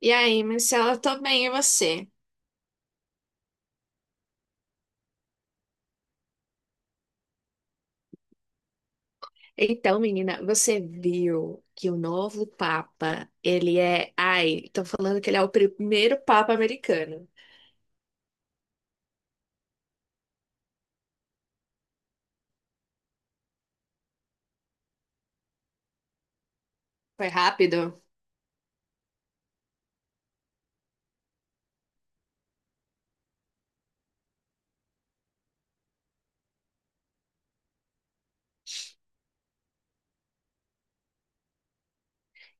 E aí, Marcela, eu tô bem, e você? Então, menina, você viu que o novo Papa, ele é. Ai, estão falando que ele é o primeiro Papa americano. Foi rápido?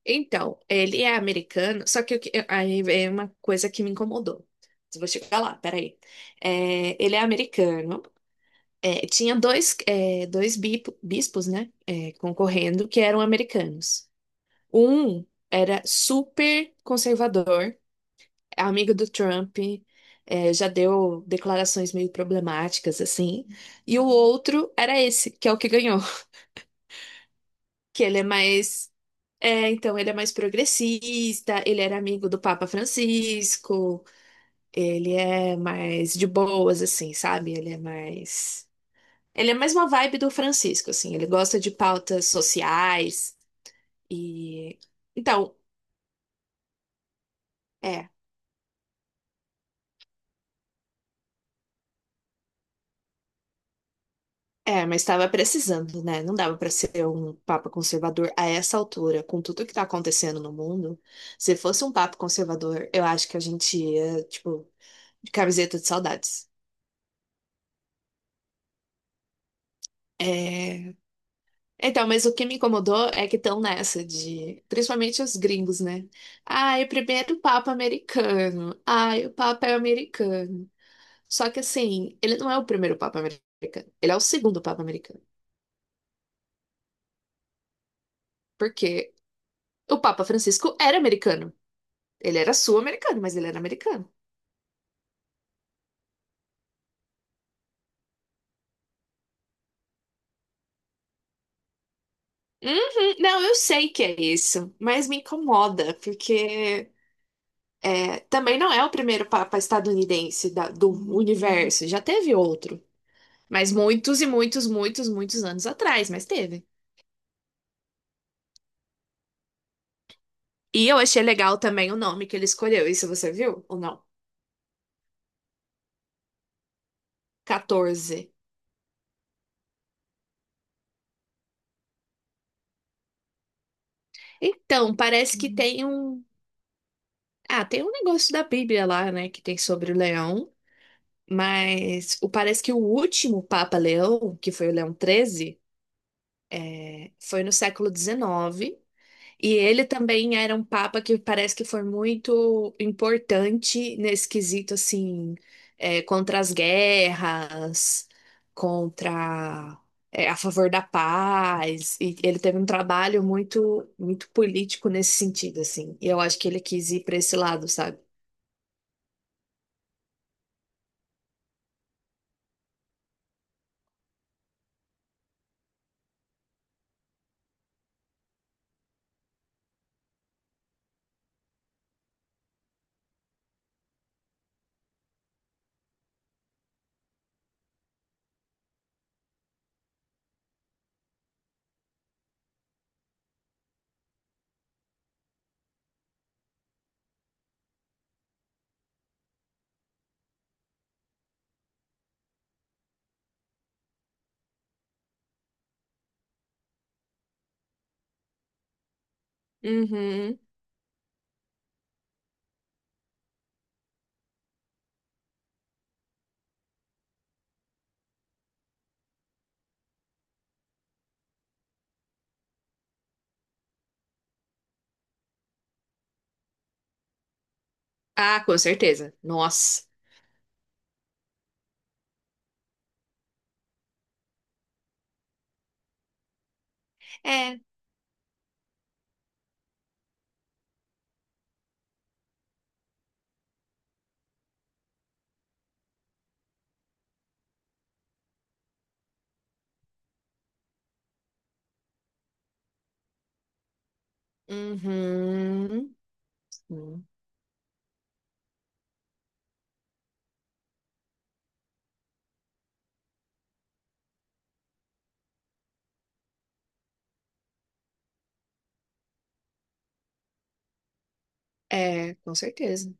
Então, ele é americano, só que aí é uma coisa que me incomodou. Vou chegar lá, peraí. É, ele é americano. Tinha dois, bispos, né, concorrendo, que eram americanos. Um era super conservador, é amiga do Trump, já deu declarações meio problemáticas, assim. E o outro era esse, que é o que ganhou. Que ele é mais. É, então, ele é mais progressista, ele era amigo do Papa Francisco, ele é mais de boas, assim, sabe? Ele é mais. Ele é mais uma vibe do Francisco, assim, ele gosta de pautas sociais e. Então. É. É, mas estava precisando, né? Não dava para ser um papa conservador a essa altura, com tudo que está acontecendo no mundo. Se fosse um papa conservador, eu acho que a gente ia, tipo, de camiseta de saudades. É. Então, mas o que me incomodou é que estão nessa de, principalmente os gringos, né? Ai, o primeiro papa americano. Ai, o papa é americano. Só que assim, ele não é o primeiro papa americano. Ele é o segundo papa americano. Porque o Papa Francisco era americano. Ele era sul-americano, mas ele era americano. Uhum. Não, eu sei que é isso, mas me incomoda, porque também não é o primeiro Papa estadunidense do universo, já teve outro, mas muitos e muitos, muitos, muitos anos atrás, mas teve. E eu achei legal também o nome que ele escolheu, isso você viu ou não? XIV. Então, parece que tem um. Ah, tem um negócio da Bíblia lá, né, que tem sobre o leão, mas parece que o último Papa Leão, que foi o Leão XIII, foi no século XIX. E ele também era um papa que parece que foi muito importante nesse quesito, assim, contra as guerras, contra, a favor da paz. E ele teve um trabalho muito, muito político nesse sentido, assim. E eu acho que ele quis ir para esse lado, sabe? Uhum. Ah, com certeza. Nossa. É. Uhum. Hum. É, com certeza.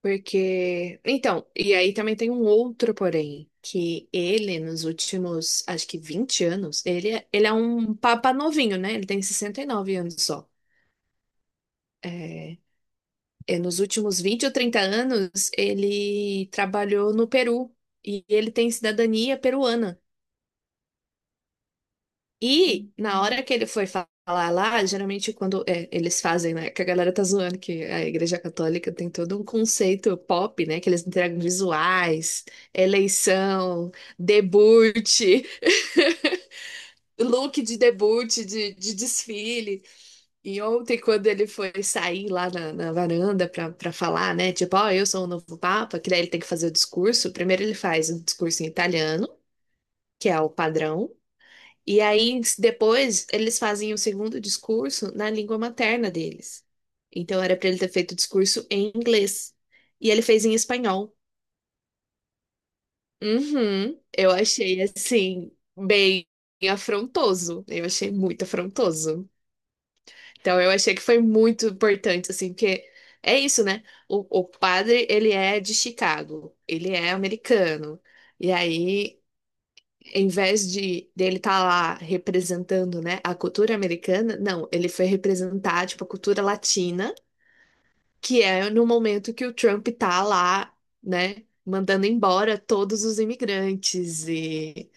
Porque. Então, e aí também tem um outro porém, que ele, nos últimos, acho que 20 anos, ele, ele é um papa novinho, né? Ele tem 69 anos só. É, é, nos últimos 20 ou 30 anos, ele trabalhou no Peru. E ele tem cidadania peruana. E na hora que ele foi falar lá, geralmente quando é, eles fazem, né? Que a galera tá zoando que a Igreja Católica tem todo um conceito pop, né? Que eles entregam visuais, eleição, debut, look de debut, de desfile. E ontem, quando ele foi sair lá na varanda pra falar, né? Tipo, ó, eu sou o novo Papa, que daí ele tem que fazer o discurso. Primeiro ele faz o discurso em italiano, que é o padrão. E aí, depois, eles fazem o segundo discurso na língua materna deles. Então, era para ele ter feito o discurso em inglês. E ele fez em espanhol. Uhum, eu achei, assim, bem afrontoso. Eu achei muito afrontoso. Então, eu achei que foi muito importante, assim, porque é isso, né? O padre, ele é de Chicago. Ele é americano. E aí. Em vez de dele estar lá representando, né, a cultura americana, não, ele foi representar, tipo, a cultura latina, que é no momento que o Trump tá lá, né, mandando embora todos os imigrantes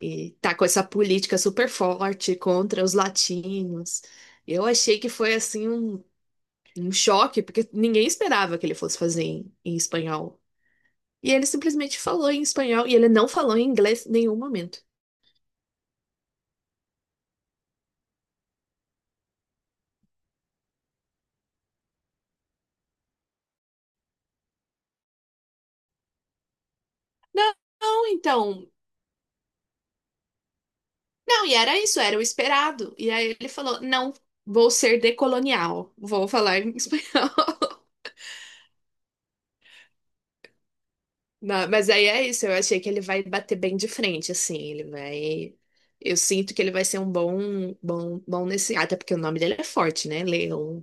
e tá com essa política super forte contra os latinos. Eu achei que foi, assim, um choque, porque ninguém esperava que ele fosse fazer em espanhol. E ele simplesmente falou em espanhol, e ele não falou em inglês em nenhum momento. Não, não, então. Não, e era isso, era o esperado. E aí ele falou: não, vou ser decolonial, vou falar em espanhol. Não, mas aí é isso, eu achei que ele vai bater bem de frente, assim, ele vai. Eu sinto que ele vai ser um bom, bom, bom nesse. Até porque o nome dele é forte, né? Leon.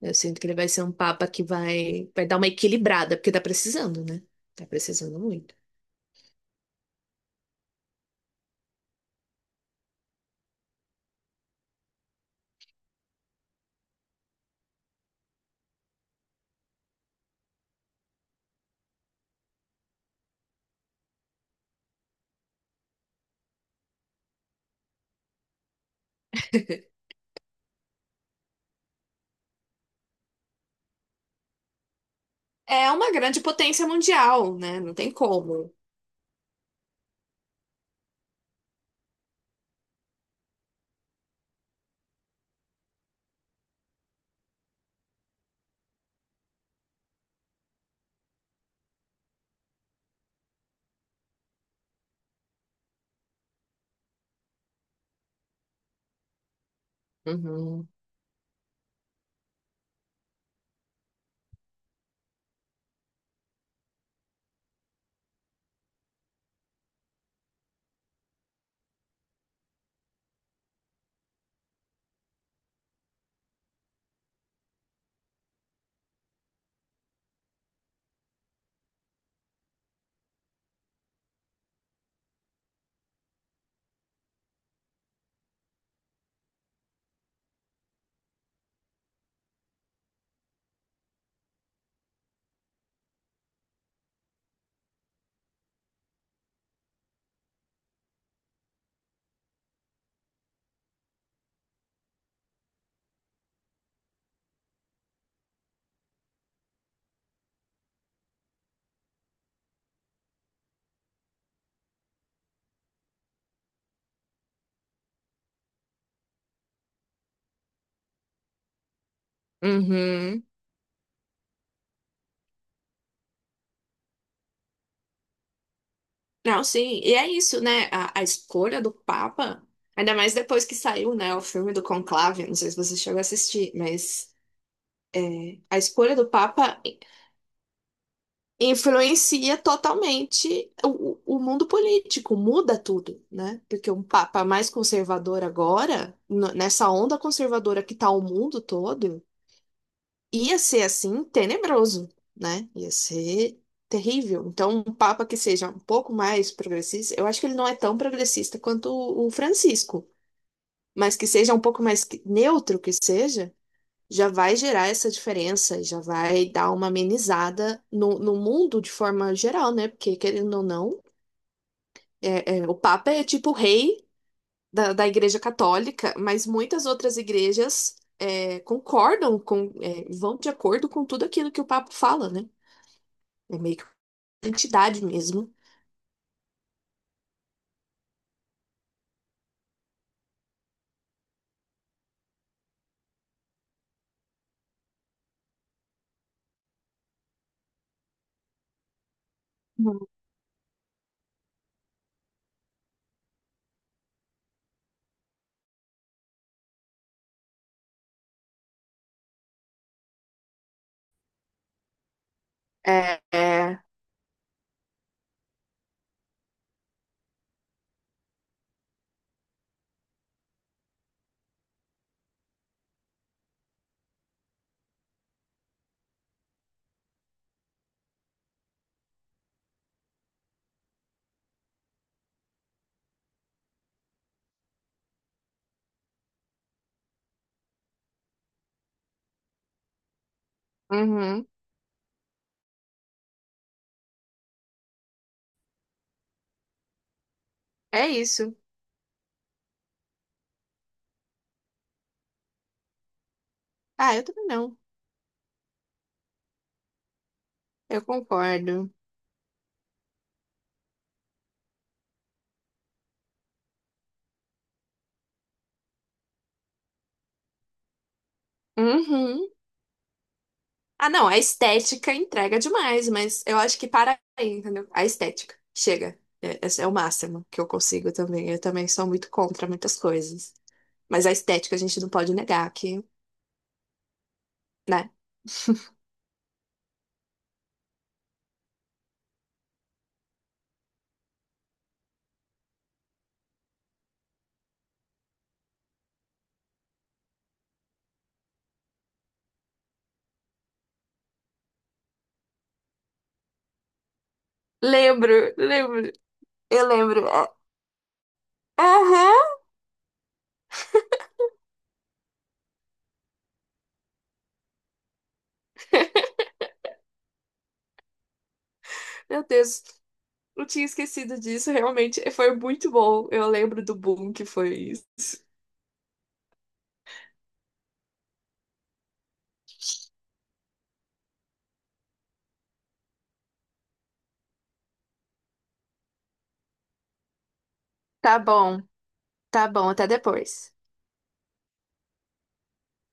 Eu sinto que ele vai ser um papa que vai, dar uma equilibrada, porque tá precisando, né? Tá precisando muito. É uma grande potência mundial, né? Não tem como. Uhum. Uhum. Não, sim. E é isso, né? A escolha do Papa, ainda mais depois que saiu, né, o filme do Conclave, não sei se você chegou a assistir, mas é, a escolha do Papa influencia totalmente o mundo político, muda tudo, né? Porque um Papa mais conservador agora, nessa onda conservadora que tá o mundo todo, ia ser assim tenebroso, né? Ia ser terrível. Então, um papa que seja um pouco mais progressista, eu acho que ele não é tão progressista quanto o Francisco, mas que seja um pouco mais neutro que seja, já vai gerar essa diferença, e já vai dar uma amenizada no mundo de forma geral, né? Porque, querendo ou não, o papa é tipo o rei da Igreja Católica, mas muitas outras igrejas. Concordam com, vão de acordo com tudo aquilo que o Papa fala, né? É meio que uma entidade mesmo. Uhum. É, é, uhum. É isso. Ah, eu também não. Eu concordo. Uhum. Ah, não, a estética entrega demais, mas eu acho que para aí, entendeu? A estética. Chega. Esse é o máximo que eu consigo também. Eu também sou muito contra muitas coisas. Mas a estética a gente não pode negar que, né? Lembro, lembro. Eu lembro. Ah. Aham. Meu Deus. Eu tinha esquecido disso, realmente foi muito bom. Eu lembro do boom que foi isso. Tá bom, tá bom, até depois.